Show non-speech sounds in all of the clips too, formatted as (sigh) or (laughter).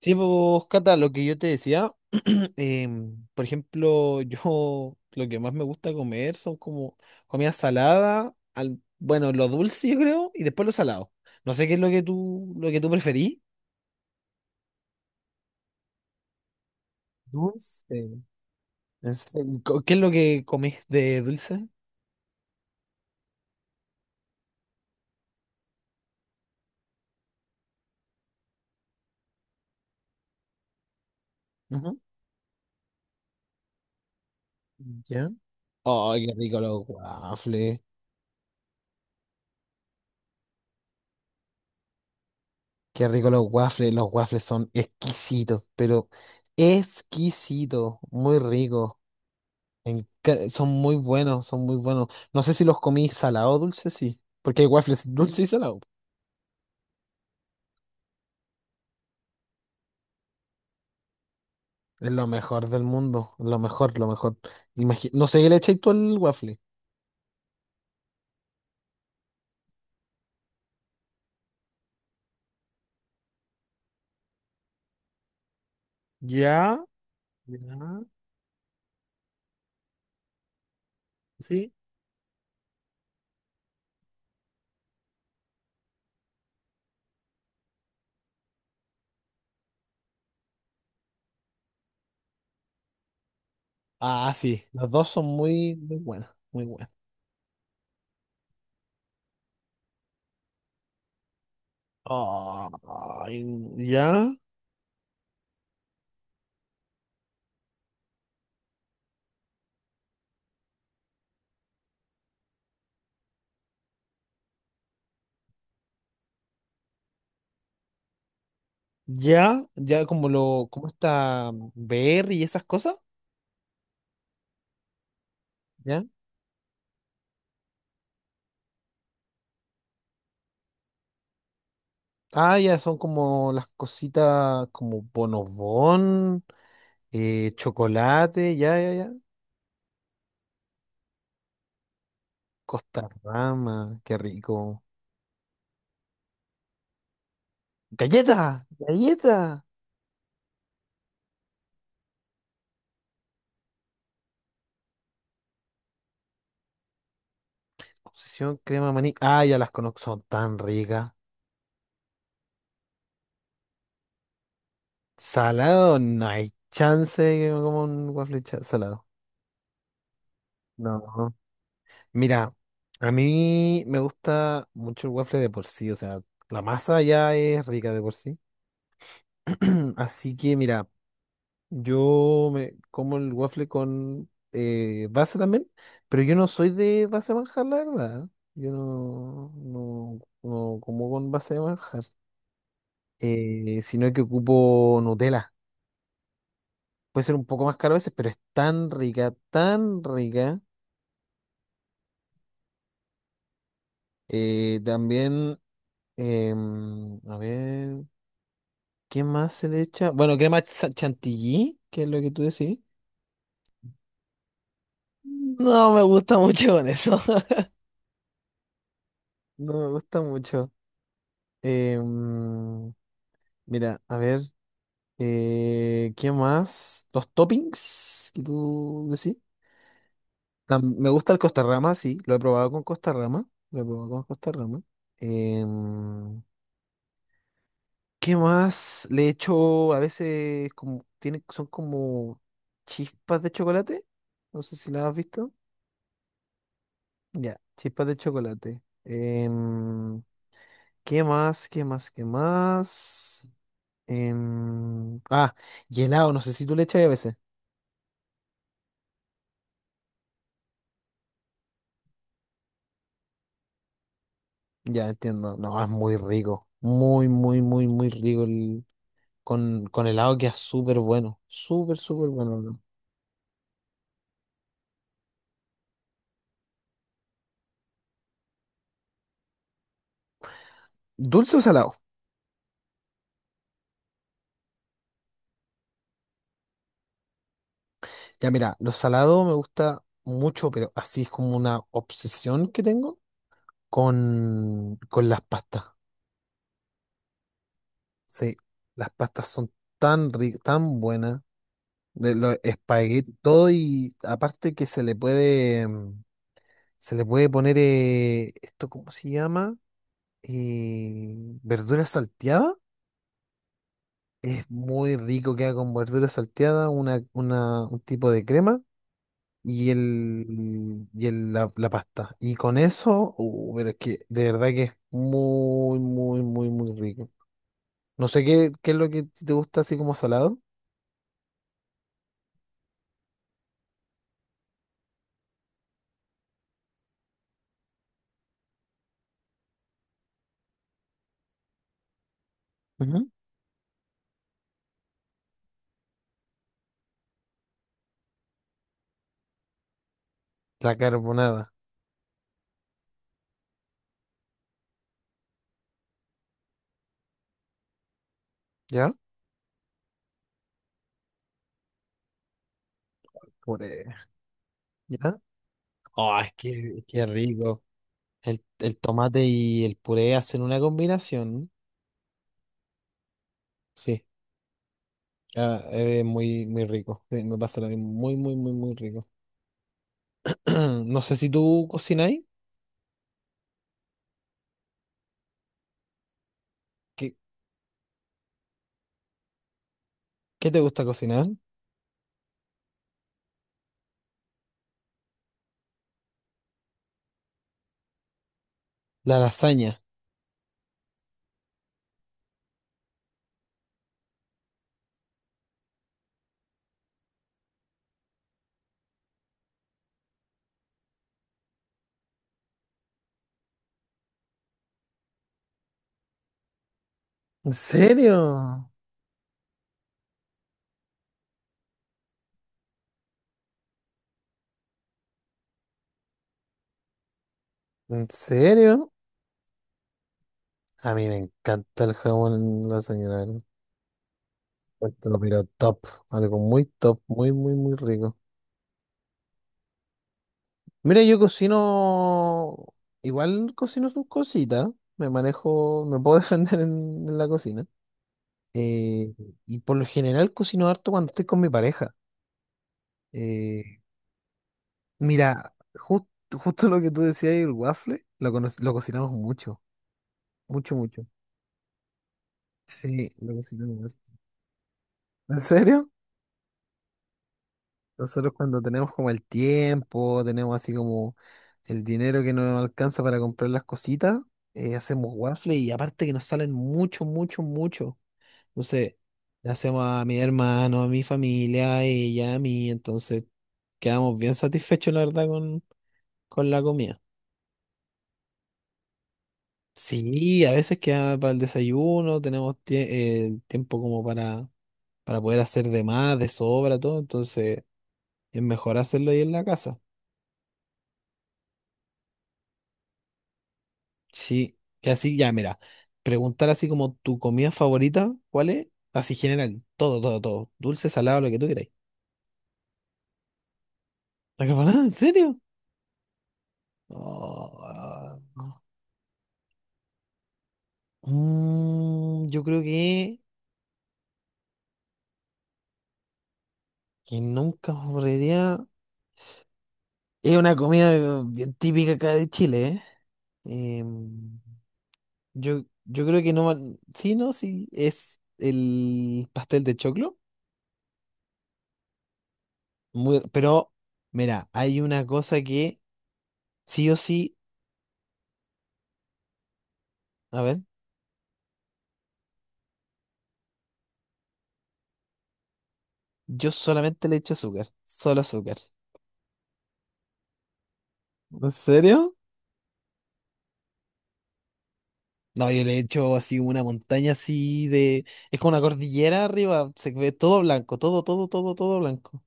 Sí, pues, Cata, lo que yo te decía, (clears throat) por ejemplo, (laughs) yo lo que más me gusta comer son como comida salada, bueno, lo dulce yo creo, y después lo salado. No sé qué es lo que tú preferís. Dulce. En serio, ¿Qué es lo que comés de dulce? Ujú. ¿Ya? Oh, qué rico los waffles. Qué rico los waffles. Los waffles son exquisitos, pero exquisitos. Muy ricos. Son muy buenos, son muy buenos. No sé si los comí salado o dulce, sí. Porque hay waffles dulce y salado. Es lo mejor del mundo. Lo mejor, lo mejor. No sé qué le echáis tú al waffle. Ya, ya, sí. Ah, sí. Los dos son muy, muy buenos. Muy buenos. Ay, ya, ya. Ya como lo, como está Berry y esas cosas, ¿ya? Ah, ya son como las cositas como bonobón. Chocolate, ya, ya, ya. Costarrama, qué rico. ¡Galleta! ¡Galleta! Obsesión, crema, maní. Ah, ya las conozco, son tan ricas. Salado, no hay chance de que me coma un waffle salado. No. No. Mira, a mí me gusta mucho el waffle de por sí, o sea, la masa ya es rica de por sí. (clears throat) Así que, mira. Yo me como el waffle con base también, pero yo no soy de base de manjar, la verdad. Yo no como con base de manjar, sino que ocupo Nutella. Puede ser un poco más caro a veces, pero es tan rica, tan rica. También, a ver, ¿qué más se le echa? Bueno, crema chantilly, que es lo que tú decís. No me gusta mucho con eso. (laughs) No me gusta mucho. Em, Mira, a ver, ¿qué más? Los toppings que tú decís. Me gusta el Costarrama, sí, lo he probado con Costarrama. Lo he probado con Costarrama. Em, ¿Qué más? Le echo a veces como, tiene, son como chispas de chocolate. No sé si las has visto. Ya, chispas de chocolate. ¿Qué más? ¿Qué más? ¿Qué más? Em, ah, y helado, no sé si tú le echas a veces. Ya entiendo. No, es muy rico. Muy, muy, muy, muy rico el... con helado queda súper bueno. Súper, súper bueno. ¿No? ¿Dulce o salado? Ya mira, lo salado me gusta mucho, pero así es como una obsesión que tengo con las pastas. Sí, las pastas son tan ricas, tan buenas. De los espaguetis, todo y aparte que se le puede, se le puede poner esto, ¿cómo se llama? Eh, verduras salteadas. Es muy rico, queda con verdura salteada, un tipo de crema y, y la pasta. Y con eso, pero es que de verdad que es muy, muy, muy, muy rico. No sé qué es lo que te gusta así como salado. Ujú. La carbonada, ¿ya? Puré, ¿ya? Oh, es que, qué rico. El tomate y el puré hacen una combinación. Sí, ah, es muy, muy rico. Sí, me pasa lo mismo, muy, muy, muy, muy rico. (clears throat) No sé si tú cocináis. ¿Qué, qué te gusta cocinar? La lasaña. ¿En serio? ¿En serio? A mí me encanta el jamón lasaña, la verdad. Encuentro, pero top. Algo muy top, muy, muy, muy rico. Mira, yo cocino. Igual cocino sus cositas. Me manejo, me puedo (laughs) defender en la cocina. Eh, y por lo general cocino harto cuando estoy con mi pareja. eh, Mira, justo lo que tú decías, el waffle, lo cocinamos mucho, mucho, mucho. Sí, lo cocinamos harto. ¿En serio? Nosotros cuando tenemos como el tiempo, tenemos así como el dinero que nos alcanza para comprar las cositas, hacemos waffle y aparte que nos salen mucho, mucho, mucho. Entonces, le hacemos a mi hermano, a mi familia, a ella, a mí, entonces quedamos bien satisfechos, la verdad, con la comida. Sí, a veces queda para el desayuno, tenemos tiempo como para poder hacer de más, de sobra, todo, entonces es mejor hacerlo ahí en la casa. Sí, y así ya, mira, preguntar así como tu comida favorita, ¿cuál es? Así general, todo, todo, todo, dulce, salado, lo que tú queráis. ¿La carbonada? ¿En serio? Oh, ah, yo creo que nunca podría... Es una comida bien típica acá de Chile, ¿eh? Em, Yo, yo creo que no. Sí, no, sí. Es el pastel de choclo. Muy, pero, mira, hay una cosa que sí o sí. A ver, yo solamente le echo azúcar. Solo azúcar. ¿En serio? No, yo le echo así una montaña así de. Es como una cordillera arriba. Se ve todo blanco. Todo, todo, todo, todo blanco.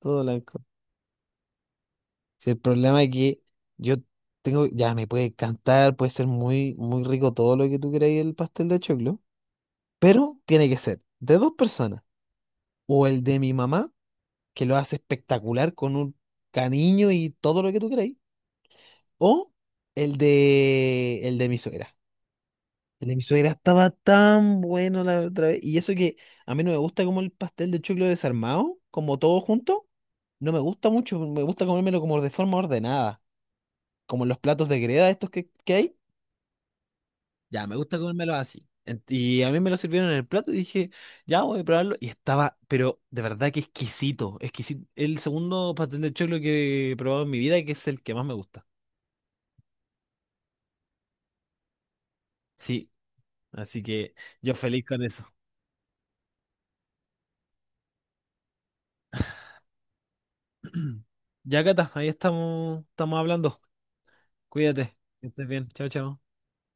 Todo blanco. Si el problema es que yo tengo. Ya me puede cantar, puede ser muy, muy rico todo lo que tú queráis el pastel de choclo. Pero tiene que ser de dos personas. O el de mi mamá, que lo hace espectacular con un cariño y todo lo que tú queráis. O el de mi suegra. El de mi suegra estaba tan bueno la otra vez. Y eso que a mí no me gusta como el pastel de choclo desarmado, como todo junto. No me gusta mucho. Me gusta comérmelo como de forma ordenada. Como en los platos de greda estos que hay. Ya, me gusta comérmelo así. Y a mí me lo sirvieron en el plato y dije, ya voy a probarlo. Y estaba, pero de verdad que exquisito, exquisito. El segundo pastel de choclo que he probado en mi vida, que es el que más me gusta. Sí, así que yo feliz con eso. (clears throat) Ya, Cata, ahí estamos, estamos hablando. Cuídate, que estés bien. Chao, chao.